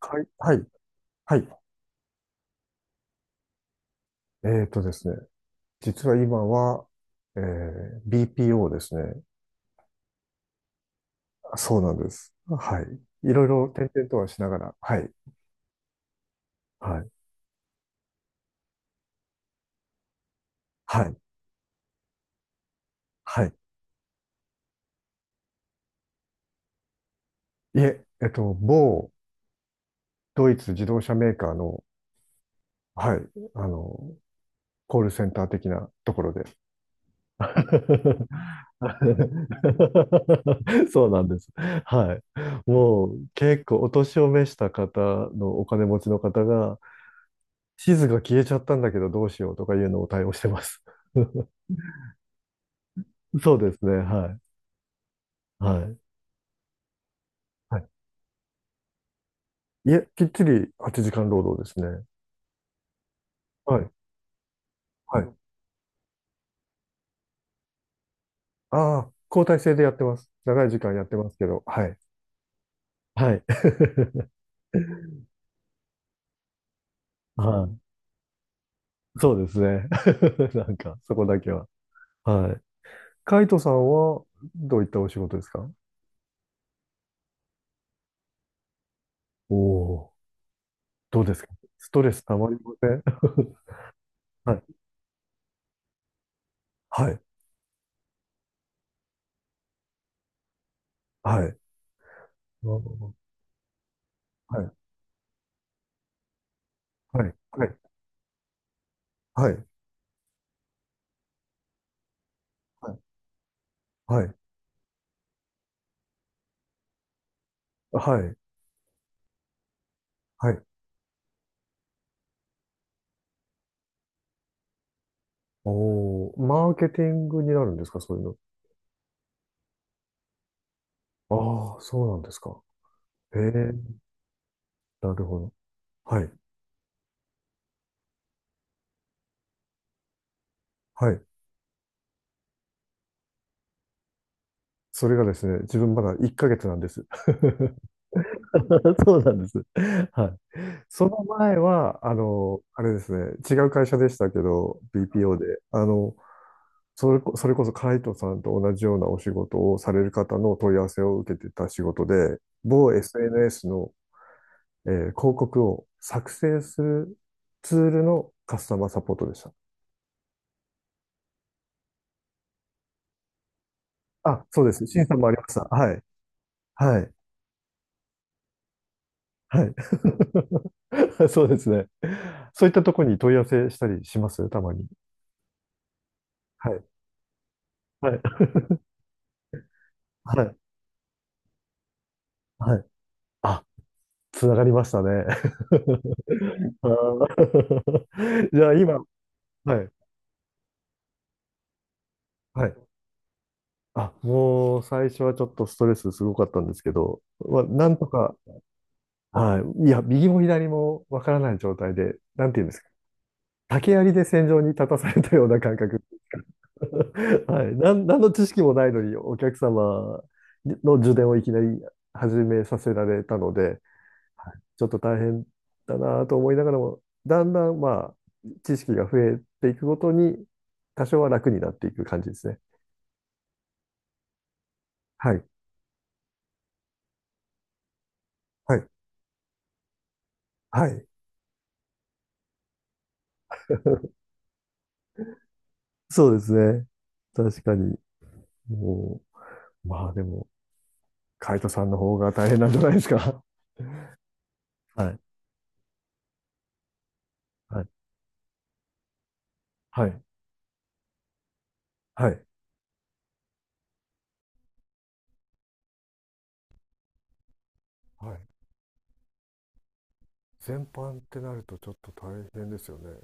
はい、はい、はい。ですね。実は今は、えー BPO ですね。あ、そうなんです。はい。いろいろ転々とはしながら、はい、はい、はい、はい。いえ、某ドイツ自動車メーカーの、はい、あの、コールセンター的なところで。そうなんです。はい。もう結構お年を召した方のお金持ちの方が地図が消えちゃったんだけどどうしようとかいうのを対応してます。そうですね。はい。はい。はい。いえ、きっちり8時間労働ですね。はい。はい。ああ、交代制でやってます。長い時間やってますけど。はい。はい。はい。そうですね。なんか、そこだけは。はい。カイトさんはどういったお仕事ですか？お、おー、どうですか？ストレスたまりません？ はい。はい。はい。あー、はい。はい。はい。はい。はい。はい。はい。はい。おー、マーケティングになるんですか、そういうの？ああ、そうなんですか。へえ、なるほど。はい。はい。それがですね、自分まだ1ヶ月なんです。そうなんです。はい。その前は、あの、あれですね、違う会社でしたけど、BPO で、あの、それこそカイトさんと同じようなお仕事をされる方の問い合わせを受けてた仕事で、某 SNS の広告を作成するツールのカスタマーサポートでした。あ、そうです。審査もありました。はい。はい。はい。そうですね。そういったところに問い合わせしたりしますたまに。はい。はい。はい。はい。あ、つながりましたね。あー じゃあ今、はい。はい。あ、もう最初はちょっとストレスすごかったんですけど、まあ、なんとか、はい。いや、右も左もわからない状態で、なんていうんですか。竹槍で戦場に立たされたような感覚。はい。何の知識もないのに、お客様の受電をいきなり始めさせられたので、はい、ちょっと大変だなと思いながらも、だんだん、まあ、知識が増えていくごとに、多少は楽になっていく感じですね。はい。はい。はい。そうですね。確かに。もう、まあでも、カイトさんの方が大変なんじゃないですか。はい、はい、はい、はい。はい。全般ってなるとちょっと大変ですよね。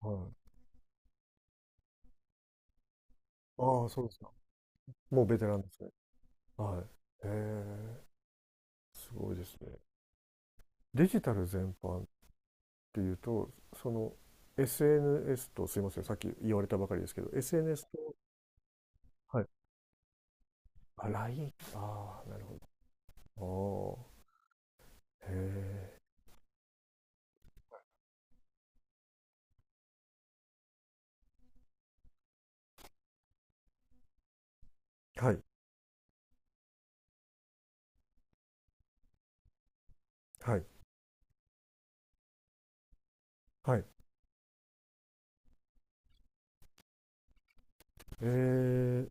はい。ああ、そうですか。もうベテランですね。はい。へえ、すごいですね。デジタル全般っていうと、その SNS と、すいません、さっき言われたばかりですけど、SNS と、はい。あ、ああ、なるほど。ああ、へえ。はい、はい、はい。ええ。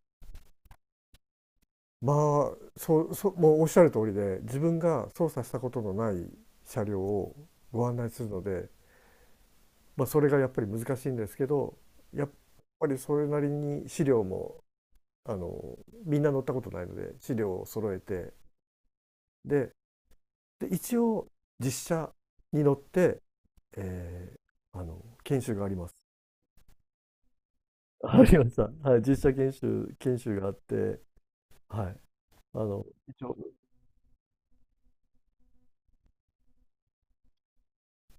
まあ、そうそう、もうおっしゃる通りで、自分が操作したことのない車両をご案内するので、まあ、それがやっぱり難しいんですけど、やっぱりそれなりに資料も、あのみんな乗ったことないので資料を揃えて、で、で一応実車に乗って、えー研修があります。ありました。はい、実車研修、研修があって、はい、一応、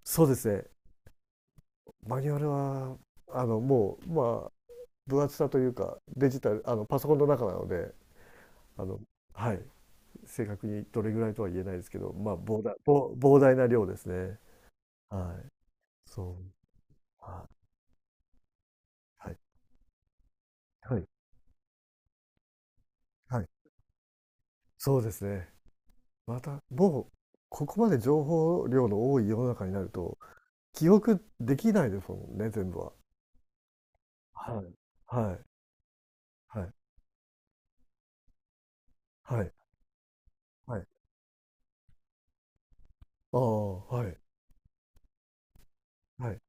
そうですね。マニュアルは、あのもうま分厚さというかデジタル、パソコンの中なので、あの、はい、正確にどれぐらいとは言えないですけど、まあ、膨大な量ですね。はい。そう。はい。はい。はい。そうですね。また、もう、ここまで情報量の多い世の中になると、記憶できないですもんね、全部は。はい。はい。はい。はい。はい。ああ、はい。はい。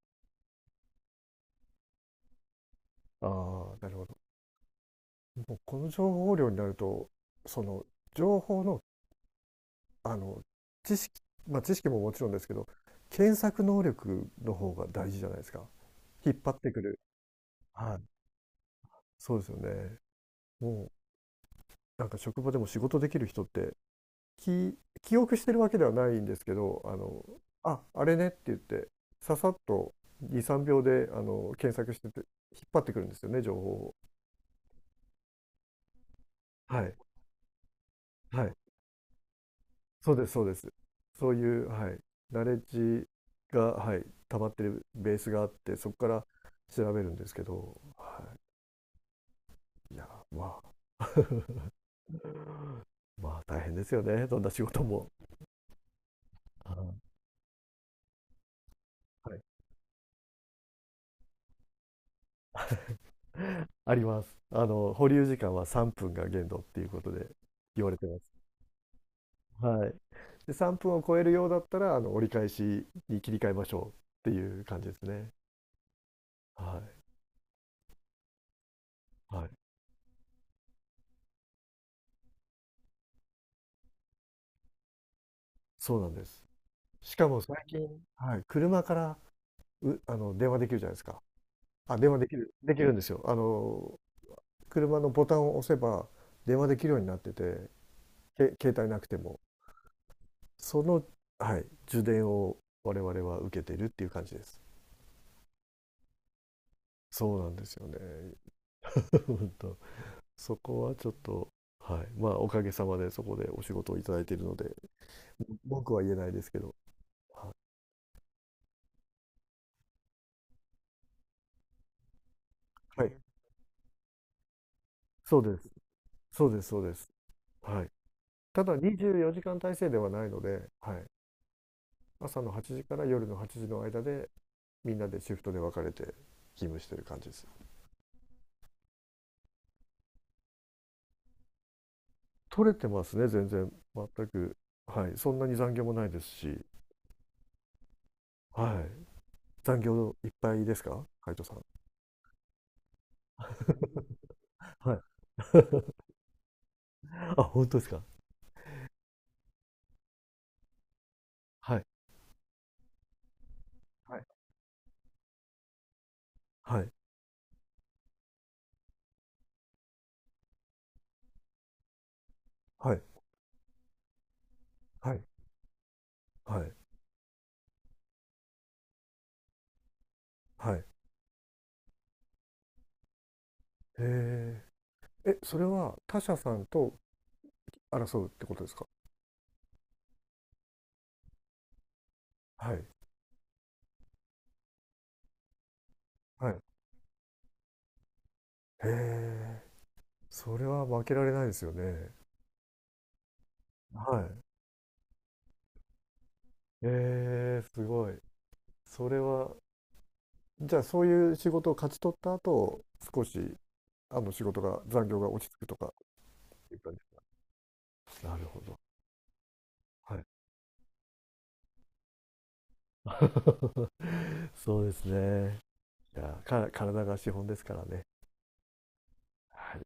ああ、なるほど。もうこの情報量になると、その、情報の、あの知識、まあ、知識ももちろんですけど、検索能力の方が大事じゃないですか。引っ張ってくる。はい、そうですよね。もなんか職場でも仕事できる人って、き記憶してるわけではないんですけど、ああれねって言ってささっと23秒で検索してて引っ張ってくるんですよね、情報を。はい、はい。そうです、そうです。そういう、はい、ナレッジが、はい、溜まってるベースがあって、そこから調べるんですけど、はい、いや、まあ、まあ大変ですよね、どんな仕事も。あー、はい、あります。あの、保留時間は3分が限度っていうことで言われてます。はい。で、3分を超えるようだったら、あの、折り返しに切り替えましょうっていう感じですね。はい。はい。そうなんです。しかも最近、はい、車から、電話できるじゃないですか。あ、電話できる、できるんですよ。あの、車のボタンを押せば電話できるようになってて、携帯なくても。その、はい、受電を我々は受けてるっていう感じです。そうなんですよね。本当、そこはちょっと、はい。まあ、おかげさまでそこでお仕事をいただいているので、文句は言えないですけど。はい。はい、そうです。そうです、そうです。はい。ただ24時間体制ではないので、はい。朝の8時から夜の8時の間でみんなでシフトで分かれて勤務してる感じです。取れてますね、全然、全く。はい、そんなに残業もないですし。はい、残業いっぱいですか、海藤さん？はい。 あ、本当ですか？はい、はい、はい、はい、はい、はい、はい、へえ。えそれは他社さんと争うってことですか？はい、はい、へえ、それは負けられないですよね。はい、えー、すごい。それは、じゃあそういう仕事を勝ち取った後、少し、あの仕事が、残業が落ち着くとかっていう感じです。なるほど。はい。そうですね。いや、体が資本ですからね。はい。